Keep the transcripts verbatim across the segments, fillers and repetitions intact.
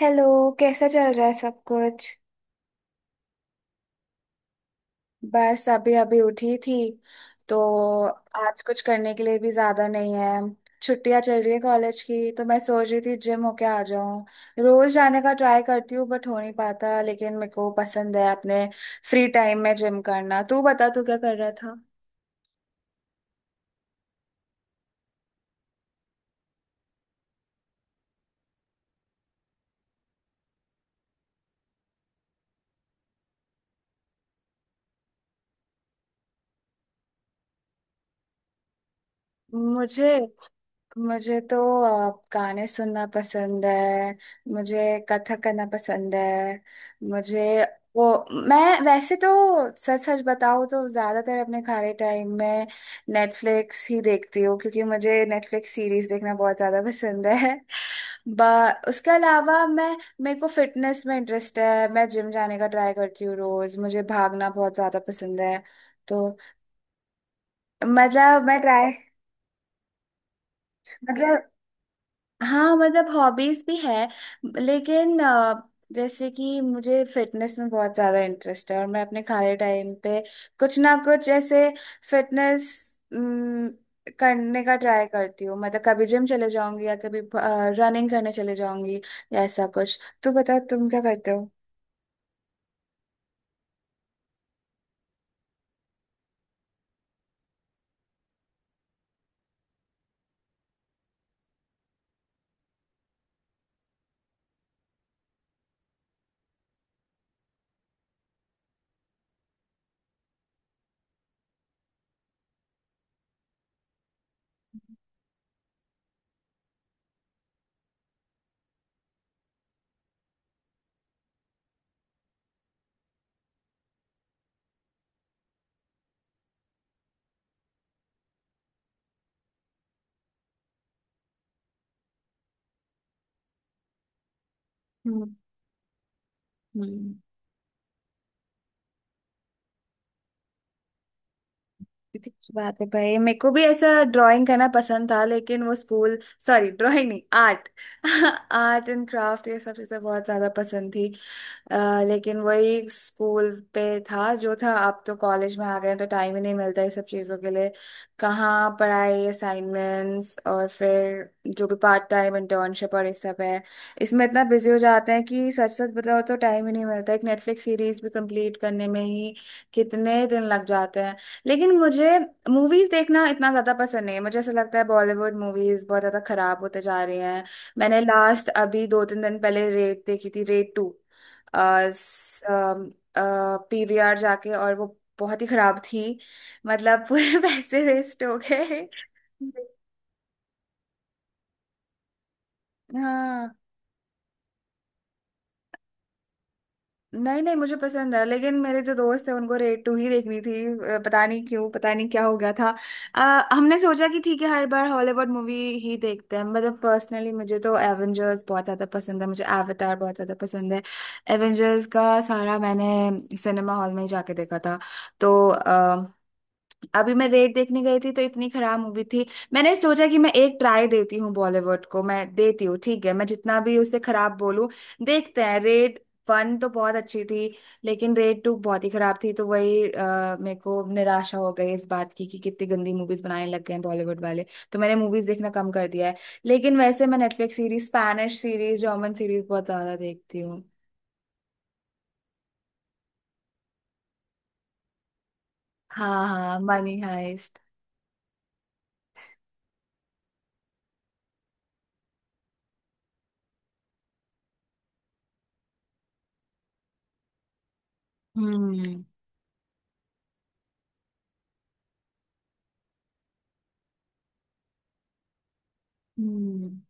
Hello. कैसा चल रहा है सब कुछ। बस अभी अभी उठी थी तो आज कुछ करने के लिए भी ज्यादा नहीं है। छुट्टियां चल रही है कॉलेज की, तो मैं सोच रही थी जिम होके आ जाऊं। रोज जाने का ट्राई करती हूँ बट हो नहीं पाता, लेकिन मेरे को पसंद है अपने फ्री टाइम में जिम करना। तू बता, तू क्या कर रहा था। मुझे मुझे तो अ, गाने सुनना पसंद है। मुझे कथक करना पसंद है। मुझे वो मैं वैसे तो सच सच बताऊँ तो ज़्यादातर अपने खाली टाइम में नेटफ्लिक्स ही देखती हूँ, क्योंकि मुझे नेटफ्लिक्स सीरीज देखना बहुत ज़्यादा पसंद है। बा उसके अलावा मैं मेरे को फिटनेस में इंटरेस्ट है। मैं जिम जाने का ट्राई करती हूँ रोज़। मुझे भागना बहुत ज़्यादा पसंद है, तो मतलब मैं ट्राई मतलब हाँ, मतलब हॉबीज भी है। लेकिन अ, जैसे कि मुझे फिटनेस में बहुत ज्यादा इंटरेस्ट है, और मैं अपने खाली टाइम पे कुछ ना कुछ ऐसे फिटनेस करने का ट्राई करती हूँ। मतलब कभी जिम चले जाऊंगी या कभी रनिंग करने चले जाऊंगी या ऐसा कुछ। तू बता, तुम क्या करते हो। हम्म। हम्म कितनी अच्छी बात है भाई। मेरे को भी ऐसा ड्राइंग करना पसंद था, लेकिन वो स्कूल, सॉरी, ड्राइंग नहीं, आर्ट, आर्ट एंड क्राफ्ट। ये सब चीज़ें बहुत ज़्यादा पसंद थी। अ, लेकिन वही स्कूल पे था जो था, अब तो कॉलेज में आ गए हैं, तो टाइम ही नहीं मिलता ये सब चीज़ों के लिए। कहाँ पढ़ाई, असाइनमेंट्स, और फिर जो भी पार्ट टाइम इंटर्नशिप और ये सब है। इसमें इतना बिजी हो जाते हैं कि सच सच बताओ तो टाइम ही नहीं मिलता। एक नेटफ्लिक्स सीरीज भी कंप्लीट करने में ही कितने दिन लग जाते हैं। लेकिन मुझे मूवीज देखना इतना ज्यादा पसंद नहीं है। मुझे ऐसा लगता है बॉलीवुड मूवीज बहुत ज्यादा खराब होते जा रही हैं। मैंने लास्ट अभी दो तीन दिन पहले रेड देखी थी, Raid to, P V are जाके, और वो बहुत ही खराब थी। मतलब पूरे पैसे वेस्ट हो गए। हाँ। नहीं नहीं, मुझे पसंद है, लेकिन मेरे जो दोस्त है उनको रेड टू ही देखनी थी। अ, पता नहीं क्यों, पता नहीं क्या हो गया था। अ, हमने सोचा कि ठीक है, हर बार हॉलीवुड मूवी ही देखते हैं। मतलब पर्सनली मुझे तो एवेंजर्स बहुत ज़्यादा पसंद है, मुझे एवेटार बहुत ज़्यादा पसंद है। एवेंजर्स का सारा मैंने सिनेमा हॉल में ही जाके देखा था। तो अभी मैं रेड देखने गई थी, तो इतनी खराब मूवी थी। मैंने सोचा कि मैं एक ट्राई देती हूँ बॉलीवुड को, मैं देती हूँ ठीक है, मैं जितना भी उसे खराब बोलूं। देखते हैं, रेड वन तो बहुत अच्छी थी, लेकिन रेड टू बहुत ही खराब थी। तो वही अ, मेरे को निराशा हो गई इस बात की कि कितनी गंदी मूवीज बनाने लग गए हैं बॉलीवुड वाले। तो मैंने मूवीज देखना कम कर दिया है। लेकिन वैसे मैं Netflix series, Spanish series, German series बहुत ज्यादा देखती हूँ। हाँ हाँ, मनी हाइस्ट। हम्म। हम्म।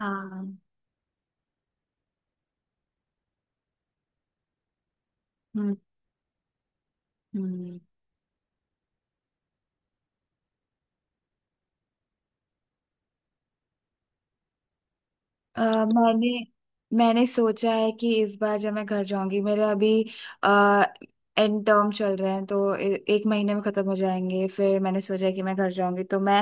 हाँ। हम्म। हम्म। अ मैंने मैंने सोचा है कि इस बार जब मैं घर जाऊंगी, मेरे अभी आ, एंड टर्म चल रहे हैं, तो ए, एक महीने में खत्म हो जाएंगे। फिर मैंने सोचा है कि मैं घर जाऊंगी तो मैं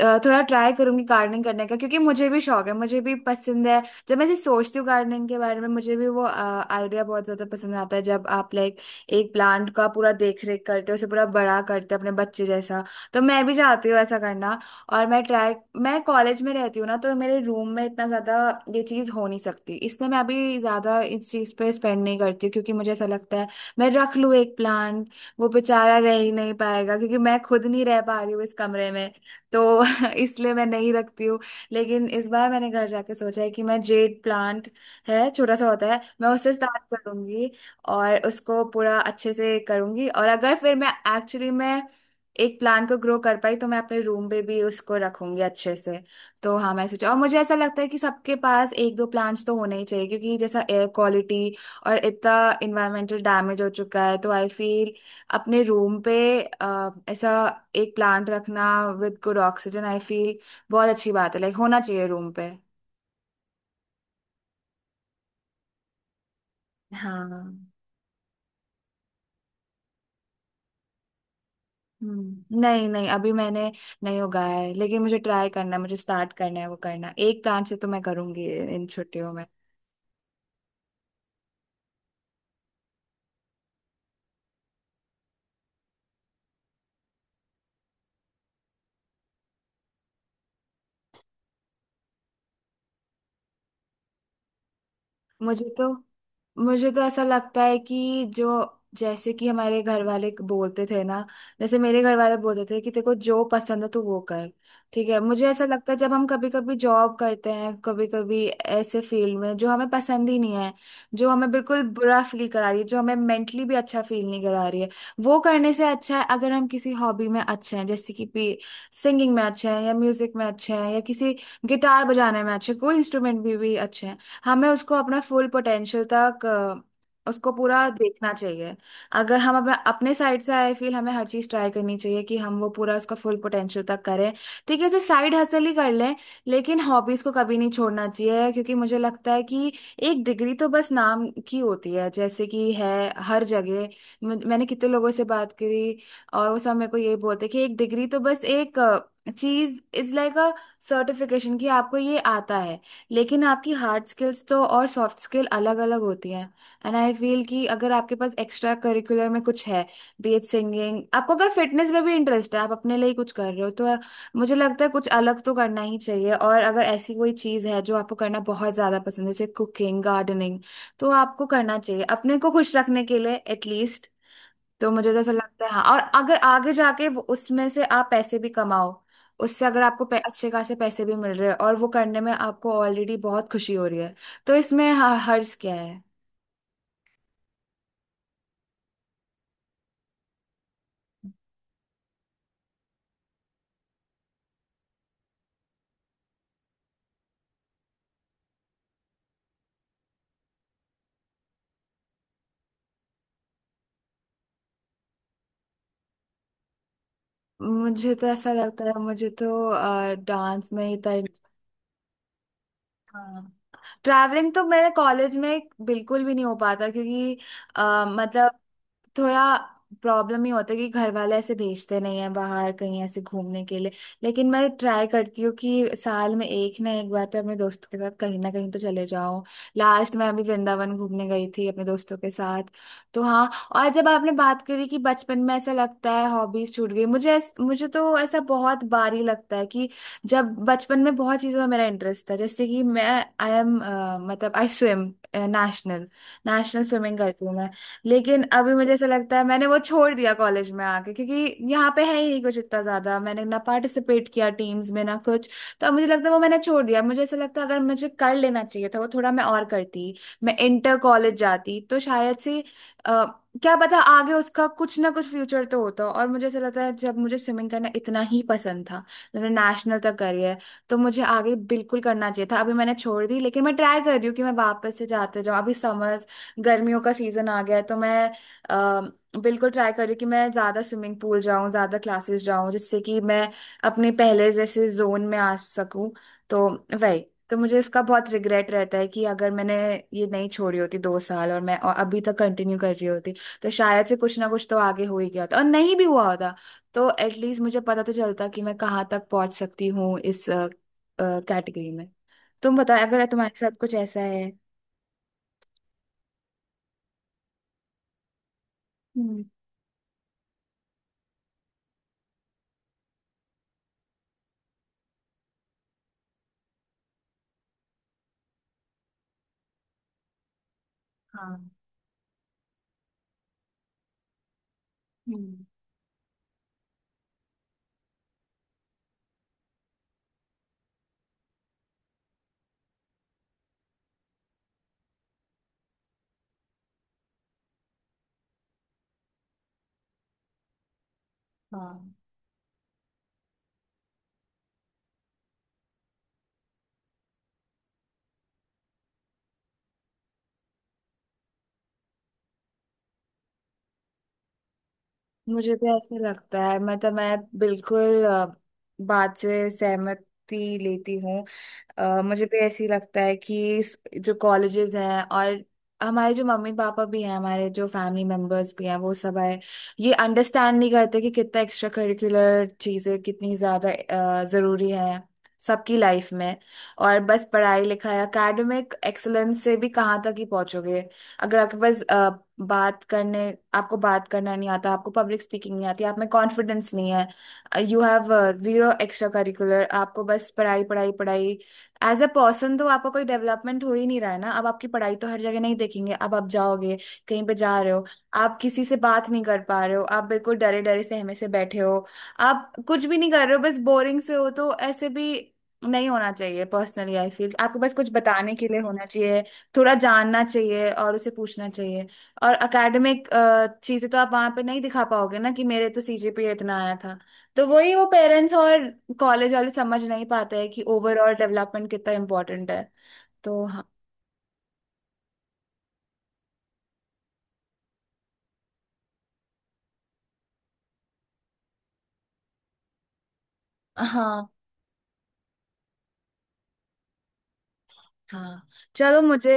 अ, थोड़ा ट्राई करूंगी गार्डनिंग करने का, क्योंकि मुझे भी शौक है, मुझे भी पसंद है। जब मैं ऐसे सोचती हूँ गार्डनिंग के बारे में, मुझे भी वो आइडिया बहुत ज्यादा पसंद आता है, जब आप लाइक एक प्लांट का पूरा देख रेख करते हो, उसे पूरा बड़ा करते हो अपने बच्चे जैसा। तो मैं भी चाहती हूँ ऐसा करना। और मैं ट्राई मैं कॉलेज में रहती हूँ ना, तो मेरे रूम में इतना ज़्यादा ये चीज़ हो नहीं सकती, इसलिए मैं अभी ज़्यादा इस चीज़ पे स्पेंड नहीं करती हूँ, क्योंकि मुझे ऐसा लगता है मैं रख लूँ एक प्लांट, वो बेचारा रह ही नहीं पाएगा, क्योंकि मैं खुद नहीं रह पा रही हूँ इस कमरे में। तो इसलिए मैं नहीं रखती हूँ। लेकिन इस बार मैंने घर जाके सोचा है कि मैं जेड प्लांट है, छोटा सा होता है, मैं उससे स्टार्ट करूंगी और उसको पूरा अच्छे से करूंगी। और अगर फिर मैं एक्चुअली में एक प्लान को ग्रो कर पाई, तो मैं अपने रूम पे भी उसको रखूंगी अच्छे से। तो हाँ, मैं सोचा, और मुझे ऐसा लगता है कि सबके पास एक दो प्लांट्स तो होने ही चाहिए, क्योंकि जैसा एयर क्वालिटी और इतना इन्वायरमेंटल डैमेज हो चुका है, तो आई फील अपने रूम पे अ, ऐसा एक प्लांट रखना with good oxygen, I feel बहुत अच्छी बात है। लाइक होना चाहिए रूम पे। हाँ। हम्म। नहीं नहीं, अभी मैंने नहीं उगाया है, लेकिन मुझे ट्राई करना है, मुझे स्टार्ट करना है, वो करना एक प्लांट से तो मैं करूंगी इन छुट्टियों में। मुझे तो मुझे तो ऐसा लगता है कि जो जैसे कि हमारे घर वाले बोलते थे ना, जैसे मेरे घर वाले बोलते थे कि तेरे को जो पसंद है तू वो कर। ठीक है। मुझे ऐसा लगता है जब हम कभी कभी जॉब करते हैं, कभी कभी ऐसे फील्ड में जो हमें पसंद ही नहीं है, जो हमें बिल्कुल बुरा फील करा रही है, जो हमें मेंटली भी अच्छा फील नहीं करा रही है, वो करने से अच्छा है अगर हम किसी हॉबी में अच्छे हैं। जैसे कि सिंगिंग में अच्छे हैं या म्यूजिक में अच्छे हैं या किसी गिटार बजाने में अच्छे, कोई इंस्ट्रूमेंट भी, भी अच्छे हैं। हमें उसको अपना फुल पोटेंशियल तक अ, उसको पूरा देखना चाहिए। अगर हम अपना अपने साइड से आई फील हमें हर चीज ट्राई करनी चाहिए कि हम वो पूरा उसका फुल पोटेंशियल तक करें। ठीक है, उसे साइड हसल ही कर लें, लेकिन हॉबीज को कभी नहीं छोड़ना चाहिए, क्योंकि मुझे लगता है कि एक डिग्री तो बस नाम की होती है, जैसे कि है हर जगह। मु- मैंने कितने लोगों से बात करी, और वो सब मेरे को यही बोलते कि एक डिग्री तो बस एक अ, चीज इज लाइक अ सर्टिफिकेशन कि आपको ये आता है। लेकिन आपकी हार्ड स्किल्स तो और सॉफ्ट स्किल अलग अलग होती हैं। एंड आई फील कि अगर आपके पास एक्स्ट्रा करिकुलर में कुछ है, बी एच सिंगिंग, आपको अगर फिटनेस में भी इंटरेस्ट है, आप अपने लिए ही कुछ कर रहे हो, तो मुझे लगता है कुछ अलग तो करना ही चाहिए। और अगर ऐसी कोई चीज़ है जो आपको करना बहुत ज़्यादा पसंद है, जैसे कुकिंग, गार्डनिंग, तो आपको करना चाहिए अपने को खुश रखने के लिए एटलीस्ट। तो मुझे तो ऐसा लगता है। हाँ, और अगर आगे जाके वो उसमें से आप पैसे भी कमाओ, उससे अगर आपको पै- अच्छे खासे पैसे भी मिल रहे हैं और वो करने में आपको ऑलरेडी बहुत खुशी हो रही है, तो इसमें ह- हर्ज क्या है। मुझे तो ऐसा लगता है। मुझे तो डांस में ही तर हाँ। ट्रैवलिंग तो मेरे कॉलेज में बिल्कुल भी नहीं हो पाता, क्योंकि अ, मतलब थोड़ा प्रॉब्लम ही होता है कि घर वाले ऐसे भेजते नहीं है बाहर कहीं ऐसे घूमने के लिए। लेकिन मैं ट्राई करती हूँ कि साल में एक ना एक बार तो अपने दोस्तों के साथ कहीं ना कहीं तो चले जाऊं। लास्ट मैं अभी वृंदावन घूमने गई थी अपने दोस्तों के साथ, तो हाँ। और जब आपने बात करी कि बचपन में ऐसा लगता है हॉबीज छूट गई, मुझे ऐस- मुझे तो ऐसा बहुत बार ही लगता है कि जब बचपन में बहुत चीज़ों में मेरा इंटरेस्ट था। जैसे कि मैं आई एम मतलब I swim national. National swimming करती हूँ मैं। लेकिन अभी मुझे ऐसा लगता है मैंने वो छोड़ दिया कॉलेज में आके, क्योंकि यहाँ पे है ही नहीं कुछ इतना ज्यादा, मैंने ना पार्टिसिपेट किया टीम्स में ना कुछ। तो अब मुझे लगता है वो मैंने छोड़ दिया। मुझे ऐसा लगता है अगर मुझे कर लेना चाहिए था, वो थोड़ा मैं और करती, मैं इंटर कॉलेज जाती तो शायद से अ, क्या पता आगे उसका कुछ ना कुछ फ्यूचर तो होता। और मुझे ऐसा लगता है जब मुझे स्विमिंग करना इतना ही पसंद था, मैंने नेशनल तक करी है, तो मुझे आगे बिल्कुल करना चाहिए था। अभी मैंने छोड़ दी, लेकिन मैं ट्राई कर रही हूँ कि मैं वापस से जाते जाऊँ। अभी समर गर्मियों का सीजन आ गया है, तो मैं अ, बिल्कुल ट्राई कर रही हूँ कि मैं ज्यादा स्विमिंग पूल जाऊं, ज्यादा क्लासेस जाऊं, जिससे कि मैं अपने पहले जैसे जोन में आ सकूं। तो वही। तो मुझे इसका बहुत रिग्रेट रहता है कि अगर मैंने ये नहीं छोड़ी होती दो साल और, मैं और अभी तक कंटिन्यू कर रही होती, तो शायद से कुछ ना कुछ तो आगे हो ही गया होता, और नहीं भी हुआ होता तो एटलीस्ट मुझे पता तो चलता कि मैं कहाँ तक पहुंच सकती हूँ इस कैटेगरी में। तुम बताओ अगर तुम्हारे साथ कुछ ऐसा है। हम्म। हाँ हाँ, मुझे भी ऐसा लगता है। मतलब मैं बिल्कुल अ, बात से सहमति लेती हूँ। अ, मुझे भी ऐसे ही लगता है कि इस- जो कॉलेजेस हैं और हमारे जो मम्मी पापा भी हैं, हमारे जो फैमिली मेंबर्स भी हैं, वो सब आए, ये अंडरस्टैंड नहीं करते कि कितना एक्स्ट्रा करिकुलर चीज़ें कितनी ज़्यादा अ, ज़रूरी है सबकी लाइफ में। और बस पढ़ाई लिखाई एकेडमिक एक्सेलेंस से भी कहाँ तक ही पहुँचोगे। अगर आपके पास अ, बात करने आपको बात करना नहीं आता, आपको पब्लिक स्पीकिंग नहीं आती, आप में कॉन्फिडेंस नहीं है, you have zero extracurricular, आपको बस पढ़ाई पढ़ाई पढ़ाई, एज अ पर्सन तो आपका कोई डेवलपमेंट हो ही नहीं रहा है ना। अब आपकी पढ़ाई तो हर जगह नहीं देखेंगे। अब आप जाओगे कहीं पे जा रहे हो, आप किसी से बात नहीं कर पा रहे हो, आप बिल्कुल डरे डरे सहमे से बैठे हो, आप कुछ भी नहीं कर रहे हो, बस बोरिंग से हो, तो ऐसे भी नहीं होना चाहिए। पर्सनली आई फील आपको बस कुछ बताने के लिए होना चाहिए, थोड़ा जानना चाहिए और उसे पूछना चाहिए। और अकेडमिक चीजें तो आप वहां पे नहीं दिखा पाओगे ना कि मेरे तो सी जी पी ए इतना आया था। तो वही वो पेरेंट्स और कॉलेज वाले समझ नहीं पाते हैं कि ओवरऑल डेवलपमेंट कितना इम्पोर्टेंट है। तो हाँ। हाँ हाँ, चलो मुझे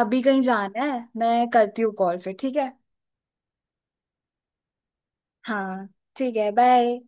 अभी कहीं जाना है, मैं करती हूँ कॉल फिर, ठीक है। हाँ, ठीक है, बाय।